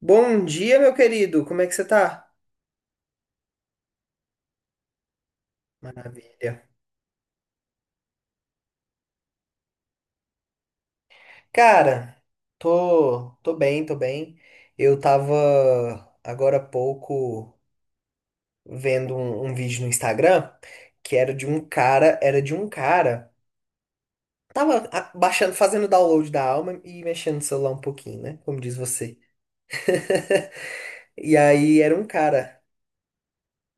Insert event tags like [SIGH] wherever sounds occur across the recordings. Bom dia, meu querido. Como é que você tá? Maravilha. Cara, tô bem, tô bem. Eu tava agora há pouco vendo um vídeo no Instagram que era de um cara, era de um cara. Tava baixando, fazendo download da alma e mexendo no celular um pouquinho, né? Como diz você. [LAUGHS] E aí era um cara.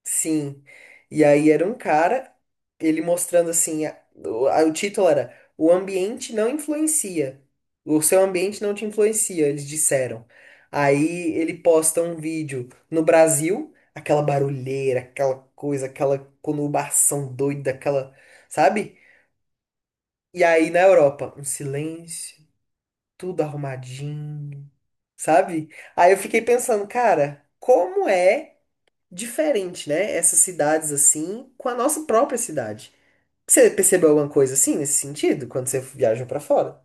Sim. E aí era um cara, ele mostrando assim, o título era: o ambiente não influencia. O seu ambiente não te influencia, eles disseram. Aí ele posta um vídeo no Brasil, aquela barulheira, aquela coisa, aquela conurbação doida, aquela, sabe? E aí na Europa, um silêncio, tudo arrumadinho, sabe? Aí eu fiquei pensando, cara, como é diferente, né? Essas cidades assim, com a nossa própria cidade. Você percebeu alguma coisa assim nesse sentido quando você viaja pra fora?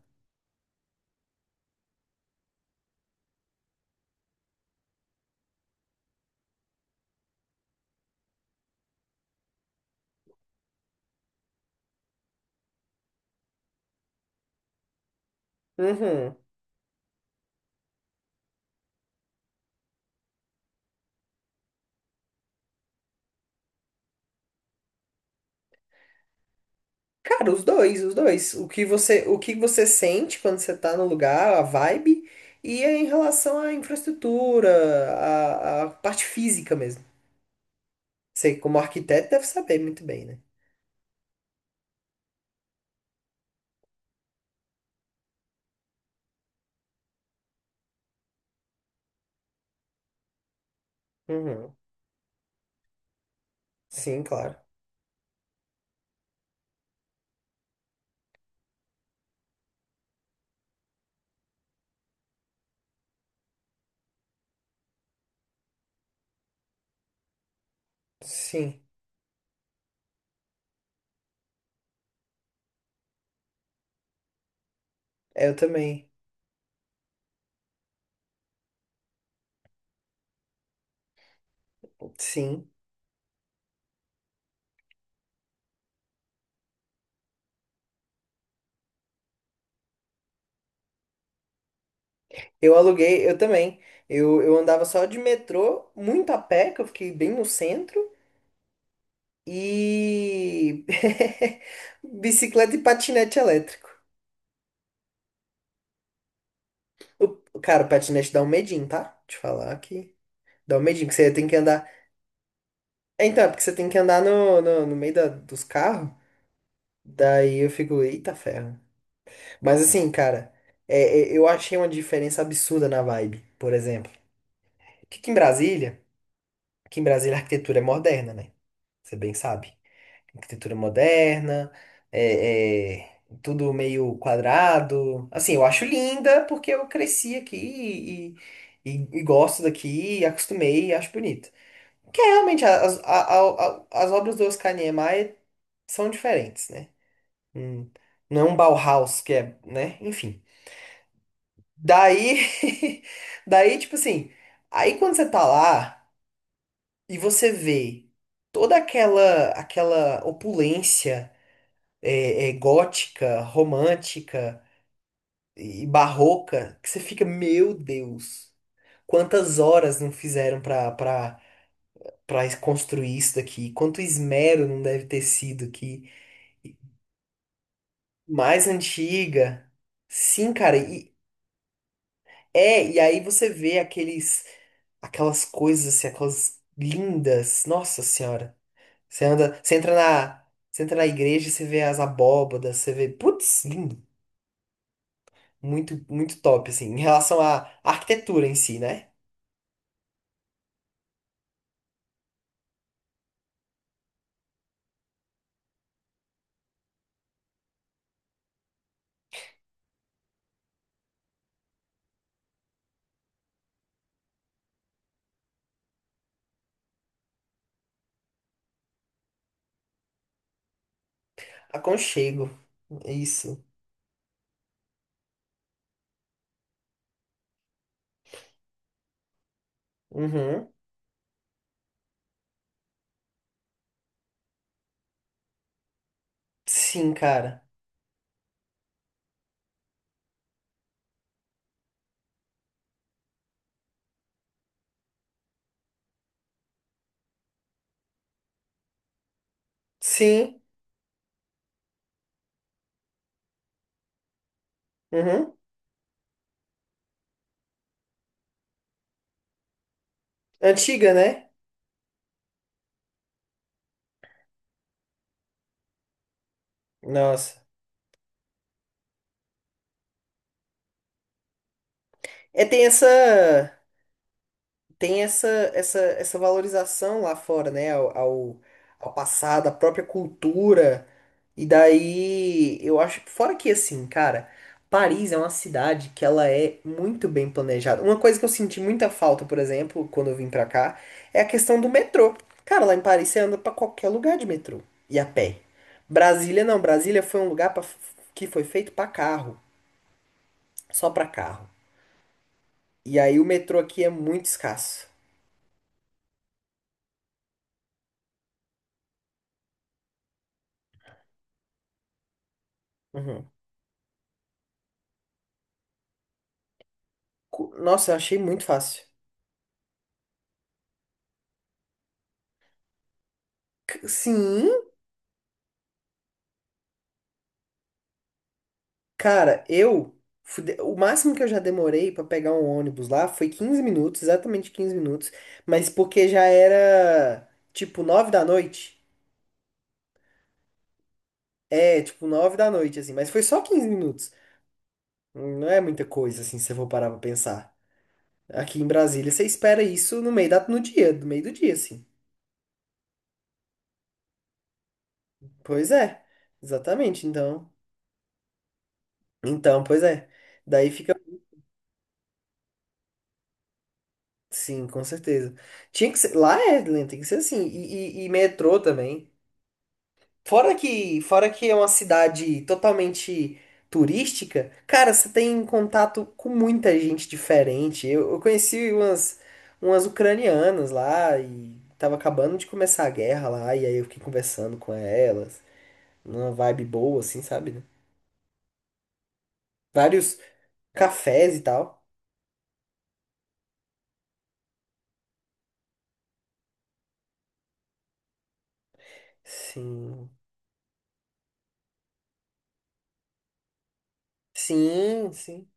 Uhum. Cara, os dois, os dois. O que você sente quando você tá no lugar, a vibe, e é em relação à infraestrutura, à, à parte física mesmo. Você, como arquiteto, deve saber muito bem, né? Uhum. Sim, claro. Sim. É, eu também. Sim. Eu aluguei, eu também. Eu andava só de metrô, muito a pé, que eu fiquei bem no centro, e [LAUGHS] bicicleta e patinete elétrico. O, cara, o patinete dá um medinho, tá? Te falar que dá um medinho, que você tem que andar. É, então, é porque você tem que andar no, no, no dos carros, daí eu fico, eita ferro. Mas assim, cara, é, é, eu achei uma diferença absurda na vibe, por exemplo. Que aqui em Brasília a arquitetura é moderna, né? Você bem sabe. Arquitetura moderna, é, é, tudo meio quadrado. Assim, eu acho linda porque eu cresci aqui e, e gosto daqui, acostumei e acho bonito. Que é realmente as, a- as obras do Oscar Niemeyer são diferentes, né? Hum, não é um Bauhaus que é, né? Enfim. Daí, [LAUGHS] daí, tipo assim, aí quando você tá lá e você vê toda aquela opulência é, é, gótica, romântica e barroca, que você fica, meu Deus, quantas horas não fizeram pra construir isso daqui, quanto esmero não deve ter sido que mais antiga. Sim, cara, e é, e aí você vê aqueles, aquelas coisas assim, aquelas lindas. Nossa Senhora. Você anda, você entra na igreja e você vê as abóbadas, você vê, putz, lindo. Muito, muito top, assim, em relação à arquitetura em si, né? Aconchego, é isso. Uhum. Sim, cara. Sim. Uhum. Antiga, né? Nossa. É, tem essa. Tem essa, essa, essa valorização lá fora, né? Ao, ao, ao passado, à própria cultura. E daí, eu acho, fora que assim, cara, Paris é uma cidade que ela é muito bem planejada. Uma coisa que eu senti muita falta, por exemplo, quando eu vim pra cá, é a questão do metrô. Cara, lá em Paris você anda pra qualquer lugar de metrô e a pé. Brasília não, Brasília foi um lugar pra, que foi feito pra carro, só pra carro. E aí o metrô aqui é muito escasso. Uhum. Nossa, eu achei muito fácil. Sim, cara, eu o máximo que eu já demorei pra pegar um ônibus lá foi 15 minutos, exatamente 15 minutos. Mas porque já era tipo 9 da noite. É, tipo nove da noite, assim. Mas foi só 15 minutos. Não é muita coisa, assim, se eu for parar pra pensar. Aqui em Brasília, você espera isso no meio da, no dia, no meio do dia, assim. Pois é, exatamente. Então, então, pois é. Daí fica. Sim, com certeza. Tinha que ser. Lá é, né, tem que ser assim. E, e metrô também. Fora que é uma cidade totalmente turística, cara, você tem contato com muita gente diferente. Eu conheci umas, umas ucranianas lá e tava acabando de começar a guerra lá, e aí eu fiquei conversando com elas, numa vibe boa, assim, sabe? Né? Vários cafés e tal. Sim. Sim, sim.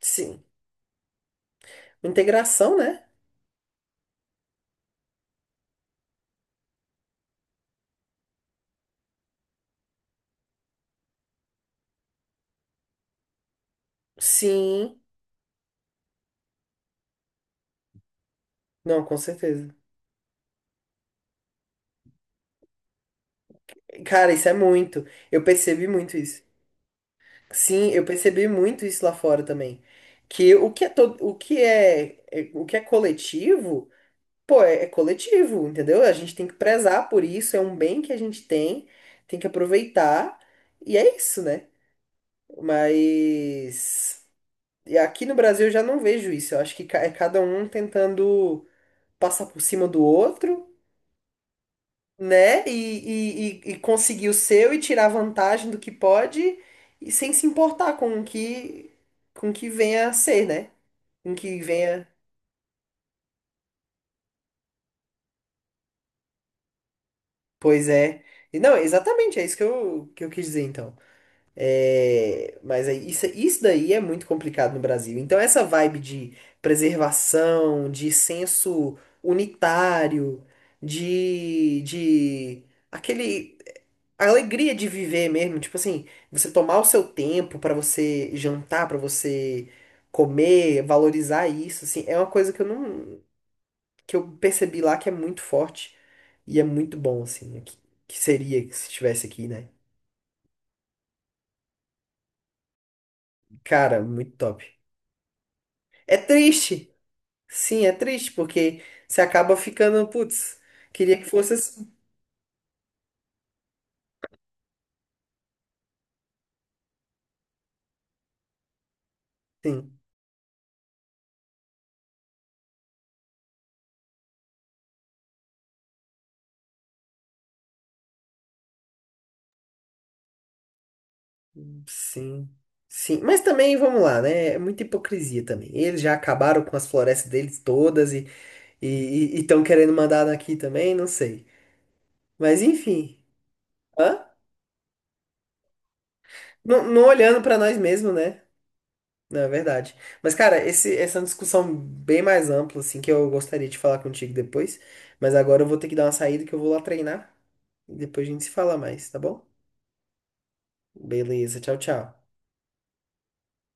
Sim. Integração, né? Sim. Não, com certeza. Cara, isso é muito. Eu percebi muito isso. Sim, eu percebi muito isso lá fora também. Que o que é todo, o que é, o que é coletivo, pô, é, é coletivo, entendeu? A gente tem que prezar por isso, é um bem que a gente tem, tem que aproveitar, e é isso, né? Mas e aqui no Brasil eu já não vejo isso. Eu acho que é cada um tentando passar por cima do outro, né? E conseguir o seu e tirar vantagem do que pode, e sem se importar com o que venha a ser, né? Com o que venha. Pois é. E não, exatamente, é isso que eu quis dizer, então. É, mas aí, isso daí é muito complicado no Brasil. Então, essa vibe de preservação, de senso unitário, de aquele, a alegria de viver mesmo, tipo assim, você tomar o seu tempo pra você jantar, pra você comer, valorizar isso, assim, é uma coisa que eu não, que eu percebi lá que é muito forte e é muito bom, assim, né? Que seria se estivesse aqui, né? Cara, muito top. É triste, sim, é triste, porque você acaba ficando, putz, queria que fosse assim. Sim, sim. Sim, mas também vamos lá, né? É muita hipocrisia também. Eles já acabaram com as florestas deles todas e E estão querendo mandar aqui também, não sei. Mas enfim, hã? Não, não olhando pra nós mesmos, né? Não, é verdade. Mas, cara, esse, essa é uma discussão bem mais ampla, assim, que eu gostaria de falar contigo depois. Mas agora eu vou ter que dar uma saída que eu vou lá treinar. E depois a gente se fala mais, tá bom? Beleza, tchau, tchau.